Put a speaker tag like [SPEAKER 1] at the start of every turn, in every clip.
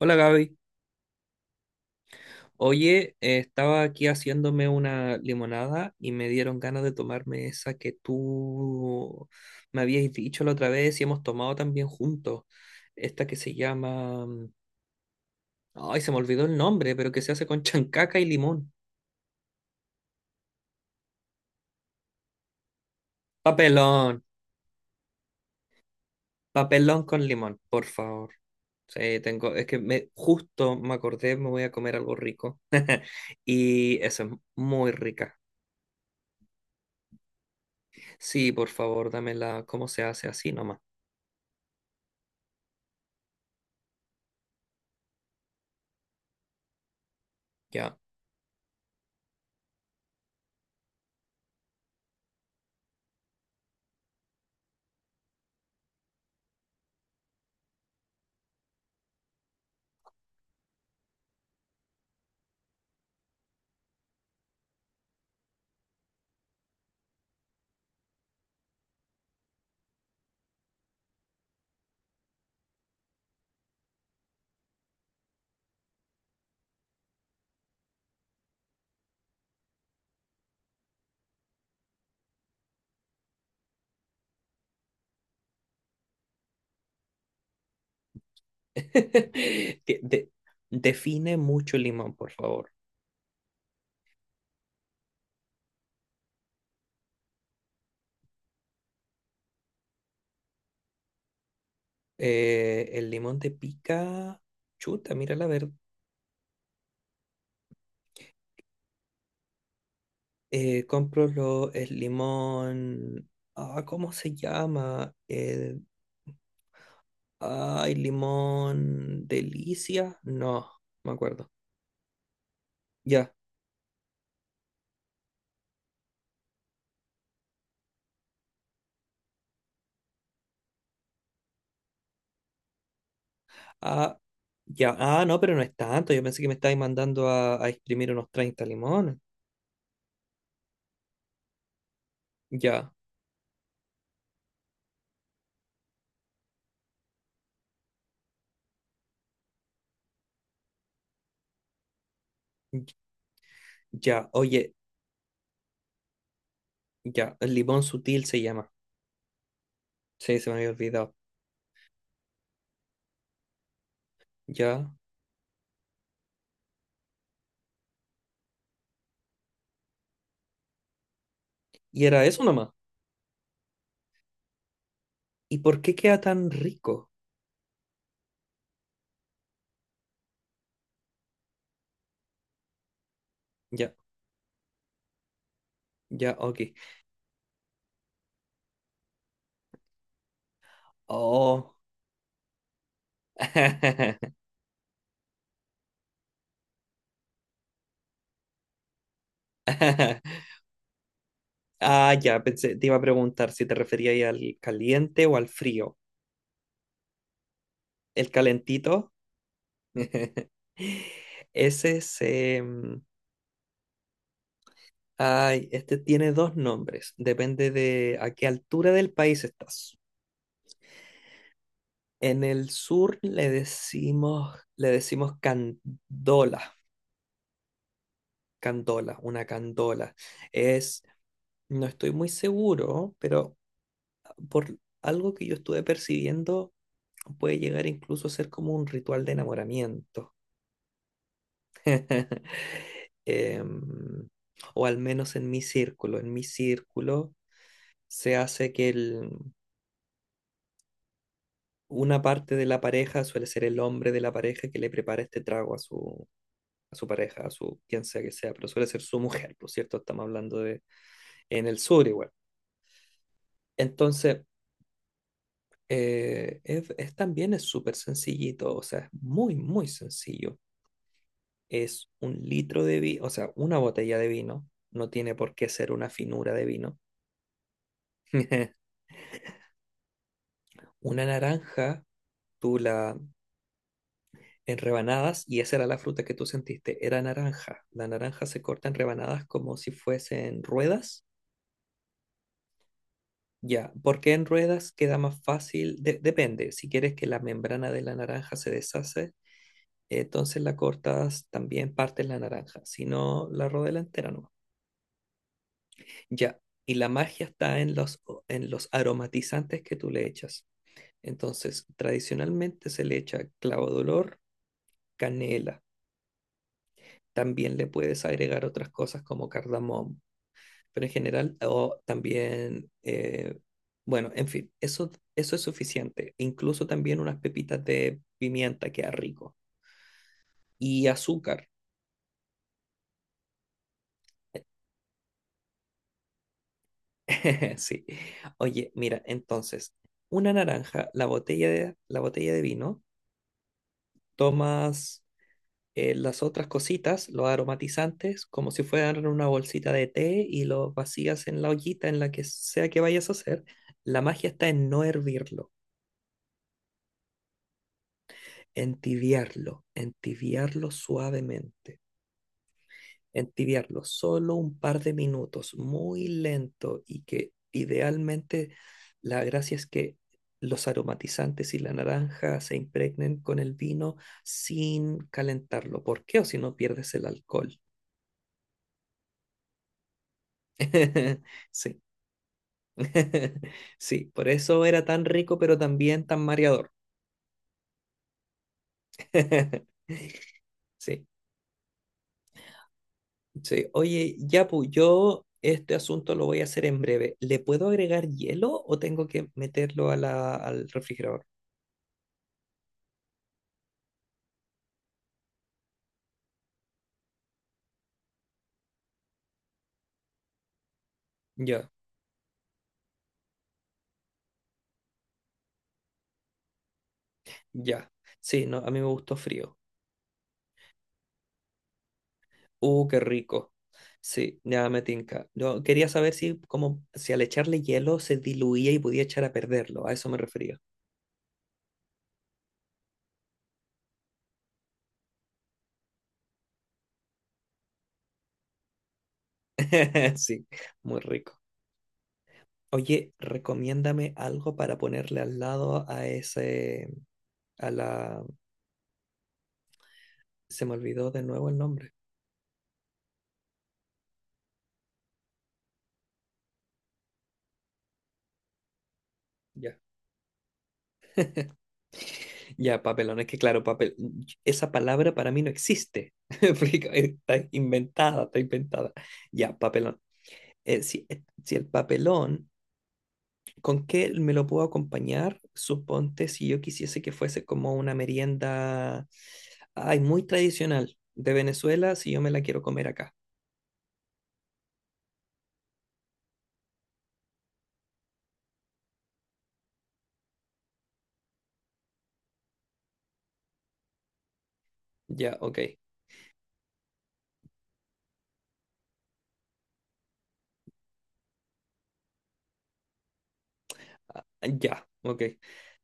[SPEAKER 1] Hola Gaby. Oye, estaba aquí haciéndome una limonada y me dieron ganas de tomarme esa que tú me habías dicho la otra vez y hemos tomado también juntos. Esta que se llama. Ay, se me olvidó el nombre, pero que se hace con chancaca y limón. Papelón, papelón con limón, por favor. Sí, tengo, es que me, justo me acordé, me voy a comer algo rico y esa es muy rica. Sí, por favor, dámela, ¿cómo se hace así nomás? Ya. Que define mucho el limón, por favor. El limón de pica, chuta, mira la verdad. Compro el limón, ah, ¿cómo se llama? El, ay, limón delicia, no, me acuerdo. Ya, ah, ya, ah, no, pero no es tanto. Yo pensé que me estabais mandando a exprimir unos 30 limones. Ya, ya, oye, ya, el limón sutil se llama. Sí, se me había olvidado. Ya. Y era eso nomás. ¿Y por qué queda tan rico? Ya, ya, ok. Oh. Ah, ya, pensé, te iba a preguntar si te refería ahí al caliente o al frío. ¿El calentito? Ese se. Ay, este tiene dos nombres. Depende de a qué altura del país estás. En el sur le decimos candola, candola, una candola. Es No estoy muy seguro, pero por algo que yo estuve percibiendo, puede llegar incluso a ser como un ritual de enamoramiento. Em, o al menos en mi círculo. En mi círculo se hace que una parte de la pareja suele ser el hombre de la pareja que le prepara este trago a su pareja, a su quien sea que sea, pero suele ser su mujer, por cierto, estamos hablando de en el sur igual. Entonces, es también es súper sencillito, o sea, es muy, muy sencillo. Es un litro de vino, o sea, una botella de vino, no tiene por qué ser una finura de vino. Una naranja, tú la en rebanadas, y esa era la fruta que tú sentiste, era naranja. La naranja se corta en rebanadas como si fuesen ruedas. Ya, porque en ruedas queda más fácil? Depende, si quieres que la membrana de la naranja se deshace. La cortas también partes la naranja, si no la rodela entera no. Ya, y la magia está en los aromatizantes que tú le echas. Entonces, tradicionalmente se le echa clavo de olor, canela. También le puedes agregar otras cosas como cardamomo, pero en general, o también, bueno, en fin, eso es suficiente. Incluso también unas pepitas de pimienta queda rico. Y azúcar. Sí. Oye, mira, entonces, una naranja, la botella de vino, tomas las otras cositas, los aromatizantes, como si fueran una bolsita de té y los vacías en la ollita en la que sea que vayas a hacer. La magia está en no hervirlo, entibiarlo, entibiarlo suavemente. Entibiarlo solo un par de minutos, muy lento y que idealmente la gracia es que los aromatizantes y la naranja se impregnen con el vino sin calentarlo. ¿Por qué? O si no pierdes el alcohol. Sí, sí, por eso era tan rico, pero también tan mareador. Sí, sí. Oye, Yapu, yo este asunto lo voy a hacer en breve. ¿Le puedo agregar hielo o tengo que meterlo a al refrigerador? Ya, ya. Sí, no, a mí me gustó frío. Qué rico. Sí, ya me tinca. Yo quería saber si, como, si al echarle hielo se diluía y podía echar a perderlo. A eso me refería. Sí, muy rico. Oye, recomiéndame algo para ponerle al lado a ese, a la, se me olvidó de nuevo el nombre. Ya, ya, papelón. Es que claro, papel, esa palabra para mí no existe. Porque está inventada, está inventada. Ya, papelón. Si el papelón, ¿con qué me lo puedo acompañar? Suponte si yo quisiese que fuese como una merienda, ay, muy tradicional de Venezuela, si yo me la quiero comer acá. Ya, ok. Ya, ok.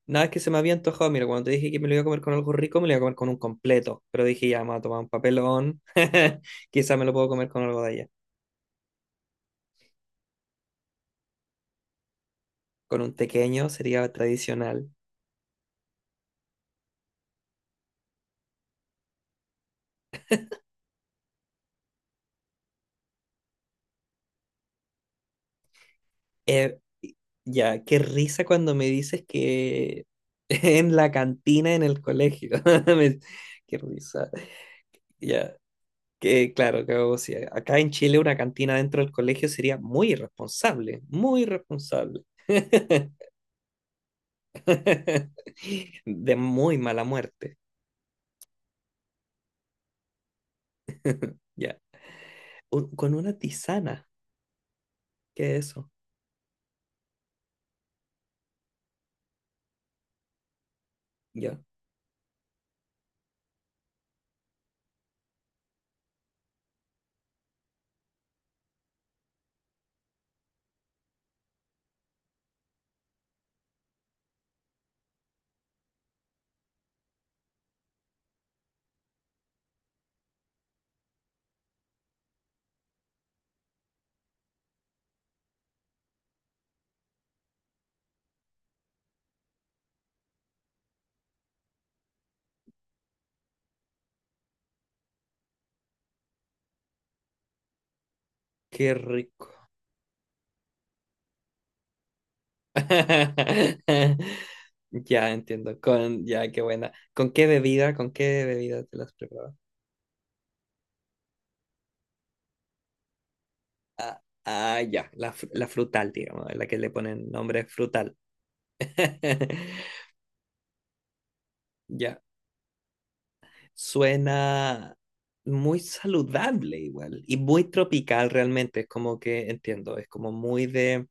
[SPEAKER 1] Nada que se me había antojado. Mira, cuando te dije que me lo iba a comer con algo rico, me lo iba a comer con un completo. Pero dije, ya, me voy a tomar un papelón. Quizá me lo puedo comer con algo de allá. Con un pequeño sería tradicional. Eh, ya, qué risa cuando me dices que en la cantina en el colegio. Me- Qué risa. Ya, que claro, que, o sea, acá en Chile una cantina dentro del colegio sería muy irresponsable, muy irresponsable. De muy mala muerte. Ya. Con una tisana. ¿Qué es eso? Ya. Qué rico. Ya entiendo. Con, ya, qué buena. ¿Con qué bebida? ¿Con qué bebida te las preparabas? Ah, ah, ya, la frutal, digamos, la que le ponen nombre frutal. Ya, suena muy saludable igual y muy tropical realmente, es como que entiendo, es como muy de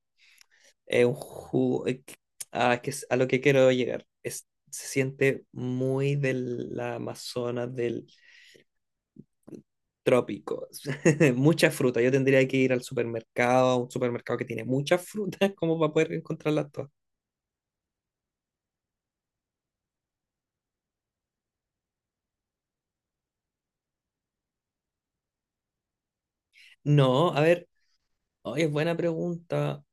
[SPEAKER 1] un jugo, que es a lo que quiero llegar, se siente muy de la Amazonas del trópico, mucha fruta, yo tendría que ir al supermercado, a un supermercado que tiene muchas frutas como para poder encontrarlas todas. No, a ver. Oye, es buena pregunta.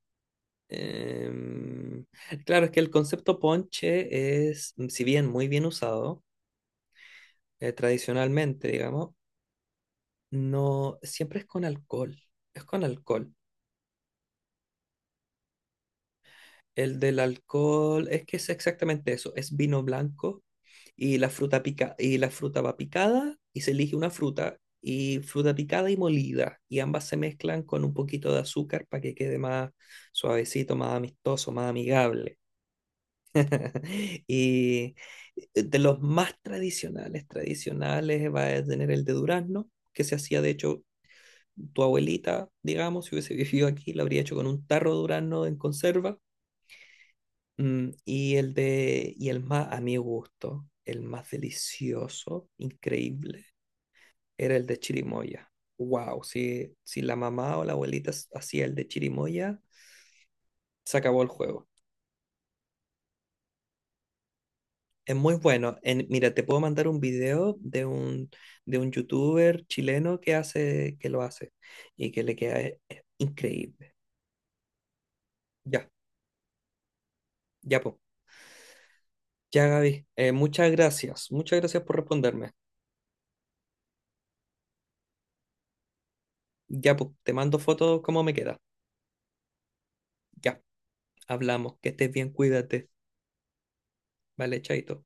[SPEAKER 1] Em, claro, es que el concepto ponche es, si bien muy bien usado, tradicionalmente, digamos, no siempre es con alcohol. Es con alcohol. El del alcohol es que es exactamente eso, es vino blanco y la fruta pica y la fruta va picada y se elige una fruta y fruta picada y molida y ambas se mezclan con un poquito de azúcar para que quede más suavecito, más amistoso, más amigable. Y de los más tradicionales, tradicionales, va a tener el de durazno, que se hacía, de hecho, tu abuelita, digamos, si hubiese vivido aquí, lo habría hecho con un tarro de durazno en conserva. Y el más, a mi gusto, el más delicioso, increíble, era el de chirimoya. Wow, si la mamá o la abuelita hacía el de chirimoya, se acabó el juego. Es muy bueno. Mira, te puedo mandar un video de un youtuber chileno que lo hace y que le queda increíble. Ya, ya, pues. Ya, Gaby. Muchas gracias. Muchas gracias por responderme. Ya, pues, te mando fotos cómo me queda. Ya, hablamos. Que estés bien, cuídate. Vale, chaito.